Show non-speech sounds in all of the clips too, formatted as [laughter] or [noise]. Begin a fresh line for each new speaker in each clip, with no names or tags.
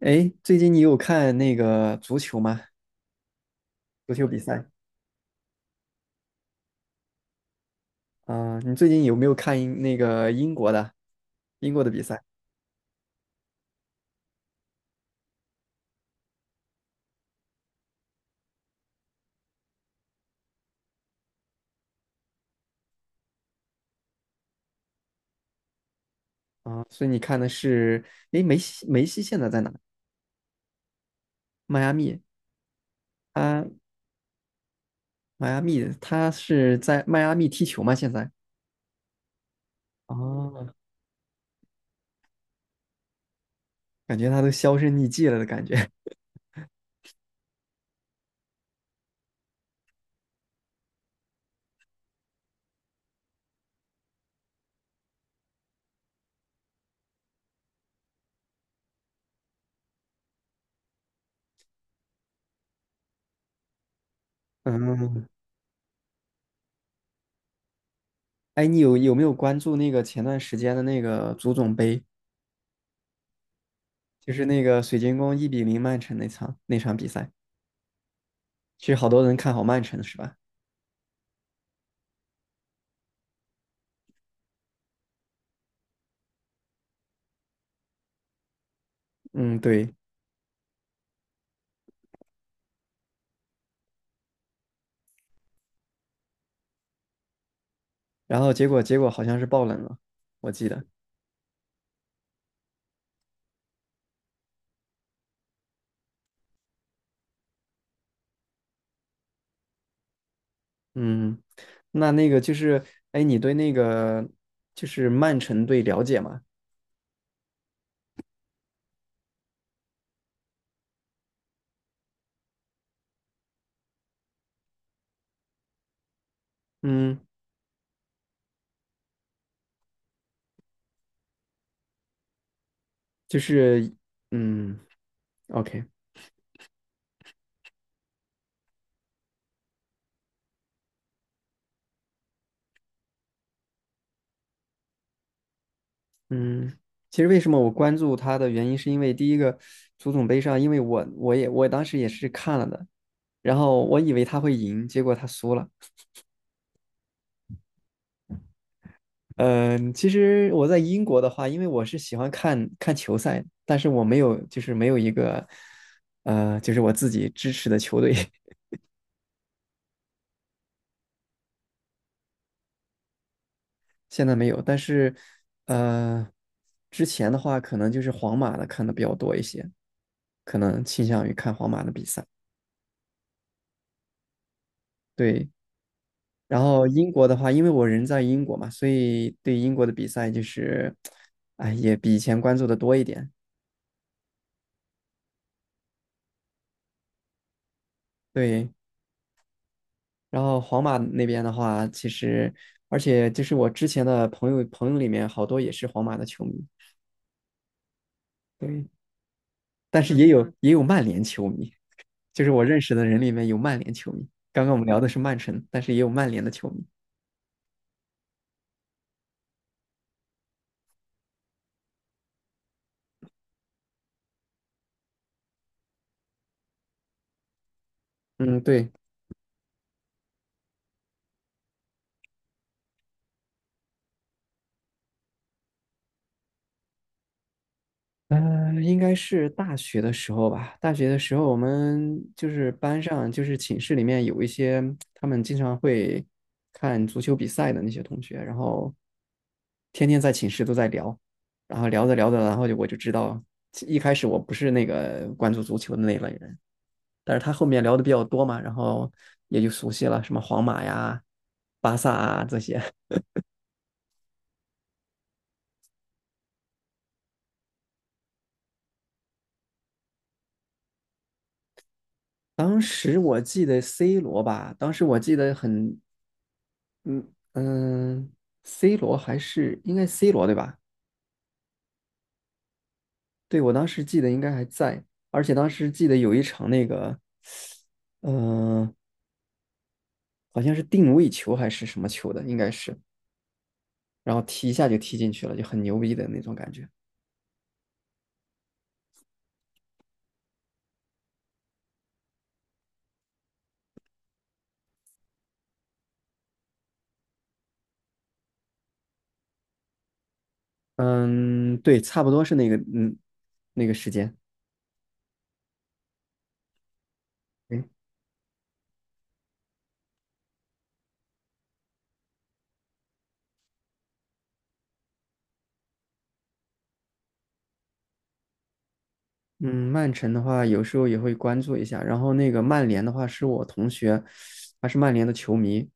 哎，最近你有看那个足球吗？足球比赛啊，你最近有没有看英那个英国的比赛啊？所以你看的是，哎，梅西现在在哪？迈阿密，他迈阿密，他是在迈阿密踢球吗？现在？哦，感觉他都销声匿迹了的感觉。[laughs] 嗯，哎，你有没有关注那个前段时间的那个足总杯，就是那个水晶宫1比0曼城那场比赛？其实好多人看好曼城是吧？嗯，对。然后结果好像是爆冷了，我记得。嗯，那那个就是，哎，你对那个就是曼城队了解吗？嗯，就是嗯，OK,嗯，其实为什么我关注他的原因，是因为第一个足总杯上，因为我当时也是看了的，然后我以为他会赢，结果他输了，嗯，其实我在英国的话，因为我是喜欢看看球赛，但是我没有，就是没有一个，就是我自己支持的球队，[laughs] 现在没有。但是，呃，之前的话，可能就是皇马的看的比较多一些，可能倾向于看皇马的比赛。对，然后英国的话，因为我人在英国嘛，所以对英国的比赛就是，哎，也比以前关注的多一点。对，然后皇马那边的话，其实而且就是我之前的朋友里面好多也是皇马的球迷，对，但是也有嗯也有曼联球迷，就是我认识的人里面有曼联球迷。刚刚我们聊的是曼城，但是也有曼联的球迷。嗯，对，嗯、应该是大学的时候吧。大学的时候，我们就是班上，就是寝室里面有一些他们经常会看足球比赛的那些同学，然后天天在寝室都在聊，然后聊着聊着，然后我知道，一开始我不是那个关注足球的那一类人，但是他后面聊的比较多嘛，然后也就熟悉了，什么皇马呀、巴萨啊这些。[laughs] 当时我记得 C 罗吧，当时我记得很。嗯嗯，C 罗还是应该 C 罗对吧？对，我当时记得应该还在，而且当时记得有一场那个，嗯、好像是定位球还是什么球的，应该是，然后踢一下就踢进去了，就很牛逼的那种感觉。嗯，对，差不多是那个，嗯，那个时间。诶嗯，曼城的话，有时候也会关注一下。然后那个曼联的话，是我同学，他是曼联的球迷。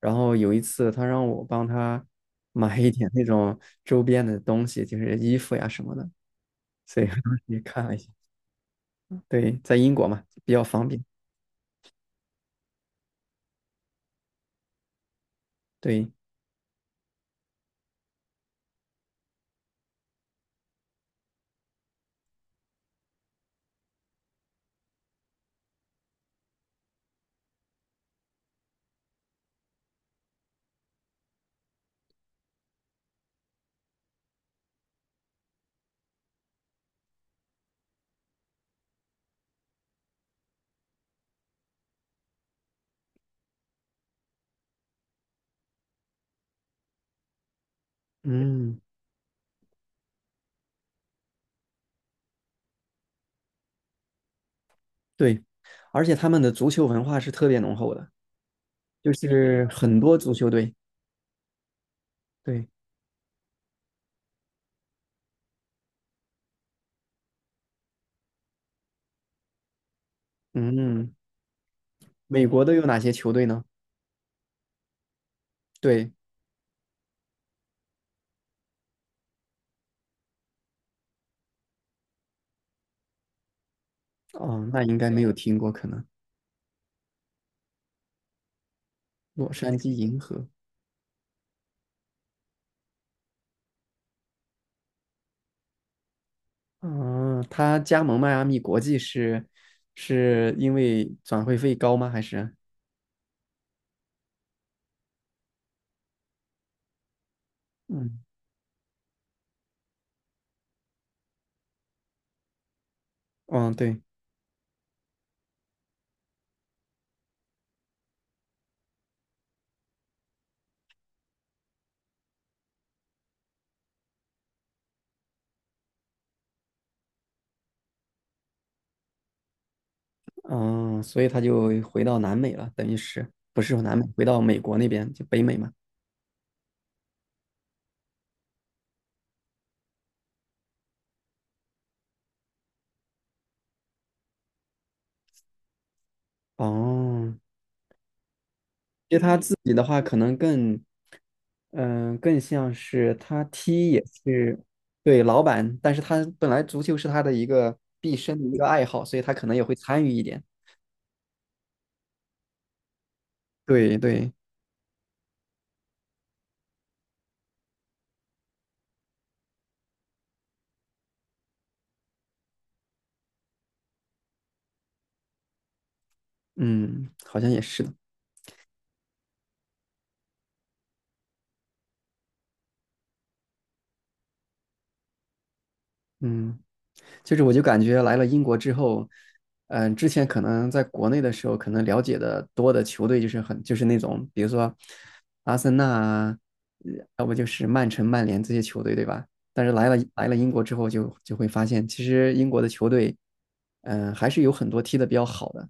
然后有一次，他让我帮他 [laughs] 买一点那种周边的东西，就是衣服呀什么的。所以我当时也看了一下。对，在英国嘛，比较方便。对，嗯，对。而且他们的足球文化是特别浓厚的，就是很多足球队。对，嗯，美国都有哪些球队呢？对，哦，那应该没有听过，可能洛杉矶银河。嗯，他加盟迈阿密国际是是因为转会费高吗？还是嗯嗯对嗯，所以他就回到南美了，等于是不是说南美，回到美国那边就北美嘛。哦，其实他自己的话可能更嗯、更像是他踢也是对老板，但是他本来足球是他的一个毕生的一个爱好，所以他可能也会参与一点。对对，嗯，好像也是的，嗯。就是我就感觉来了英国之后，嗯、之前可能在国内的时候，可能了解的多的球队就是很就是那种，比如说阿森纳啊，要不就是曼城、曼联这些球队，对吧？但是来了英国之后就，就会发现，其实英国的球队，还是有很多踢的比较好的。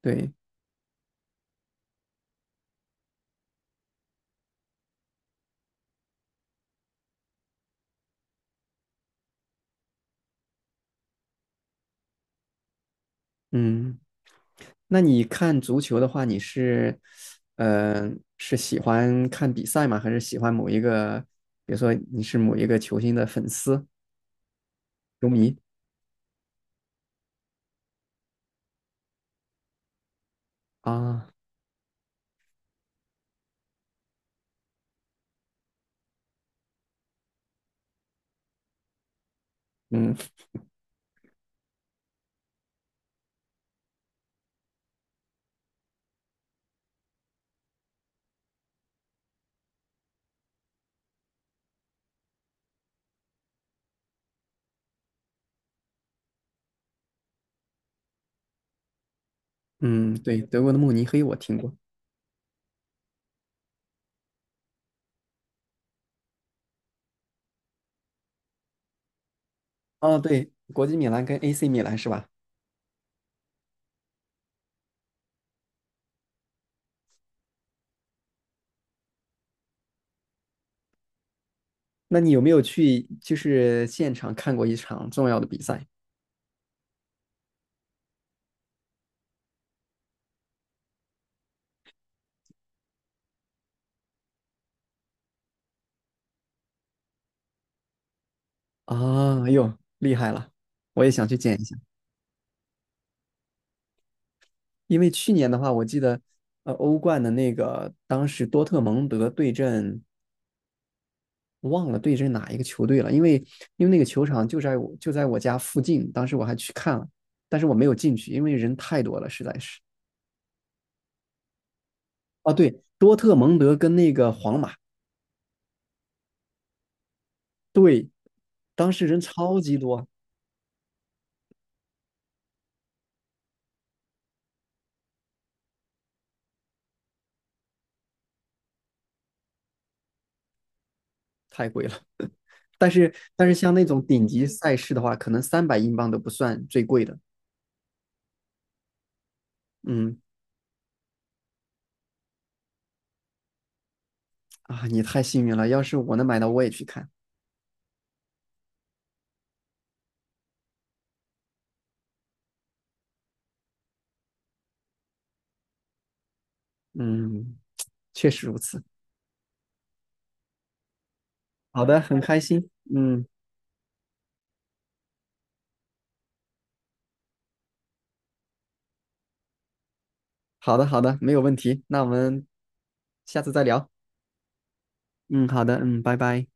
对，嗯，那你看足球的话，你是，呃，是喜欢看比赛吗？还是喜欢某一个，比如说你是某一个球星的粉丝、球迷？啊，嗯嗯，对，德国的慕尼黑我听过。哦，对，国际米兰跟 AC 米兰是吧？那你有没有去就是现场看过一场重要的比赛？啊，哎呦，厉害了！我也想去见一下，因为去年的话，我记得，欧冠的那个当时多特蒙德对阵，忘了对阵哪一个球队了，因为因为那个球场就在我家附近，当时我还去看了，但是我没有进去，因为人太多了，实在是。啊，对，多特蒙德跟那个皇马，对，当时人超级多，太贵了。但是但是像那种顶级赛事的话，可能300英镑都不算最贵的。嗯啊，你太幸运了，要是我能买到，我也去看。嗯，确实如此。好的，很开心。嗯，好的好的，没有问题。那我们下次再聊。嗯，好的，嗯，拜拜。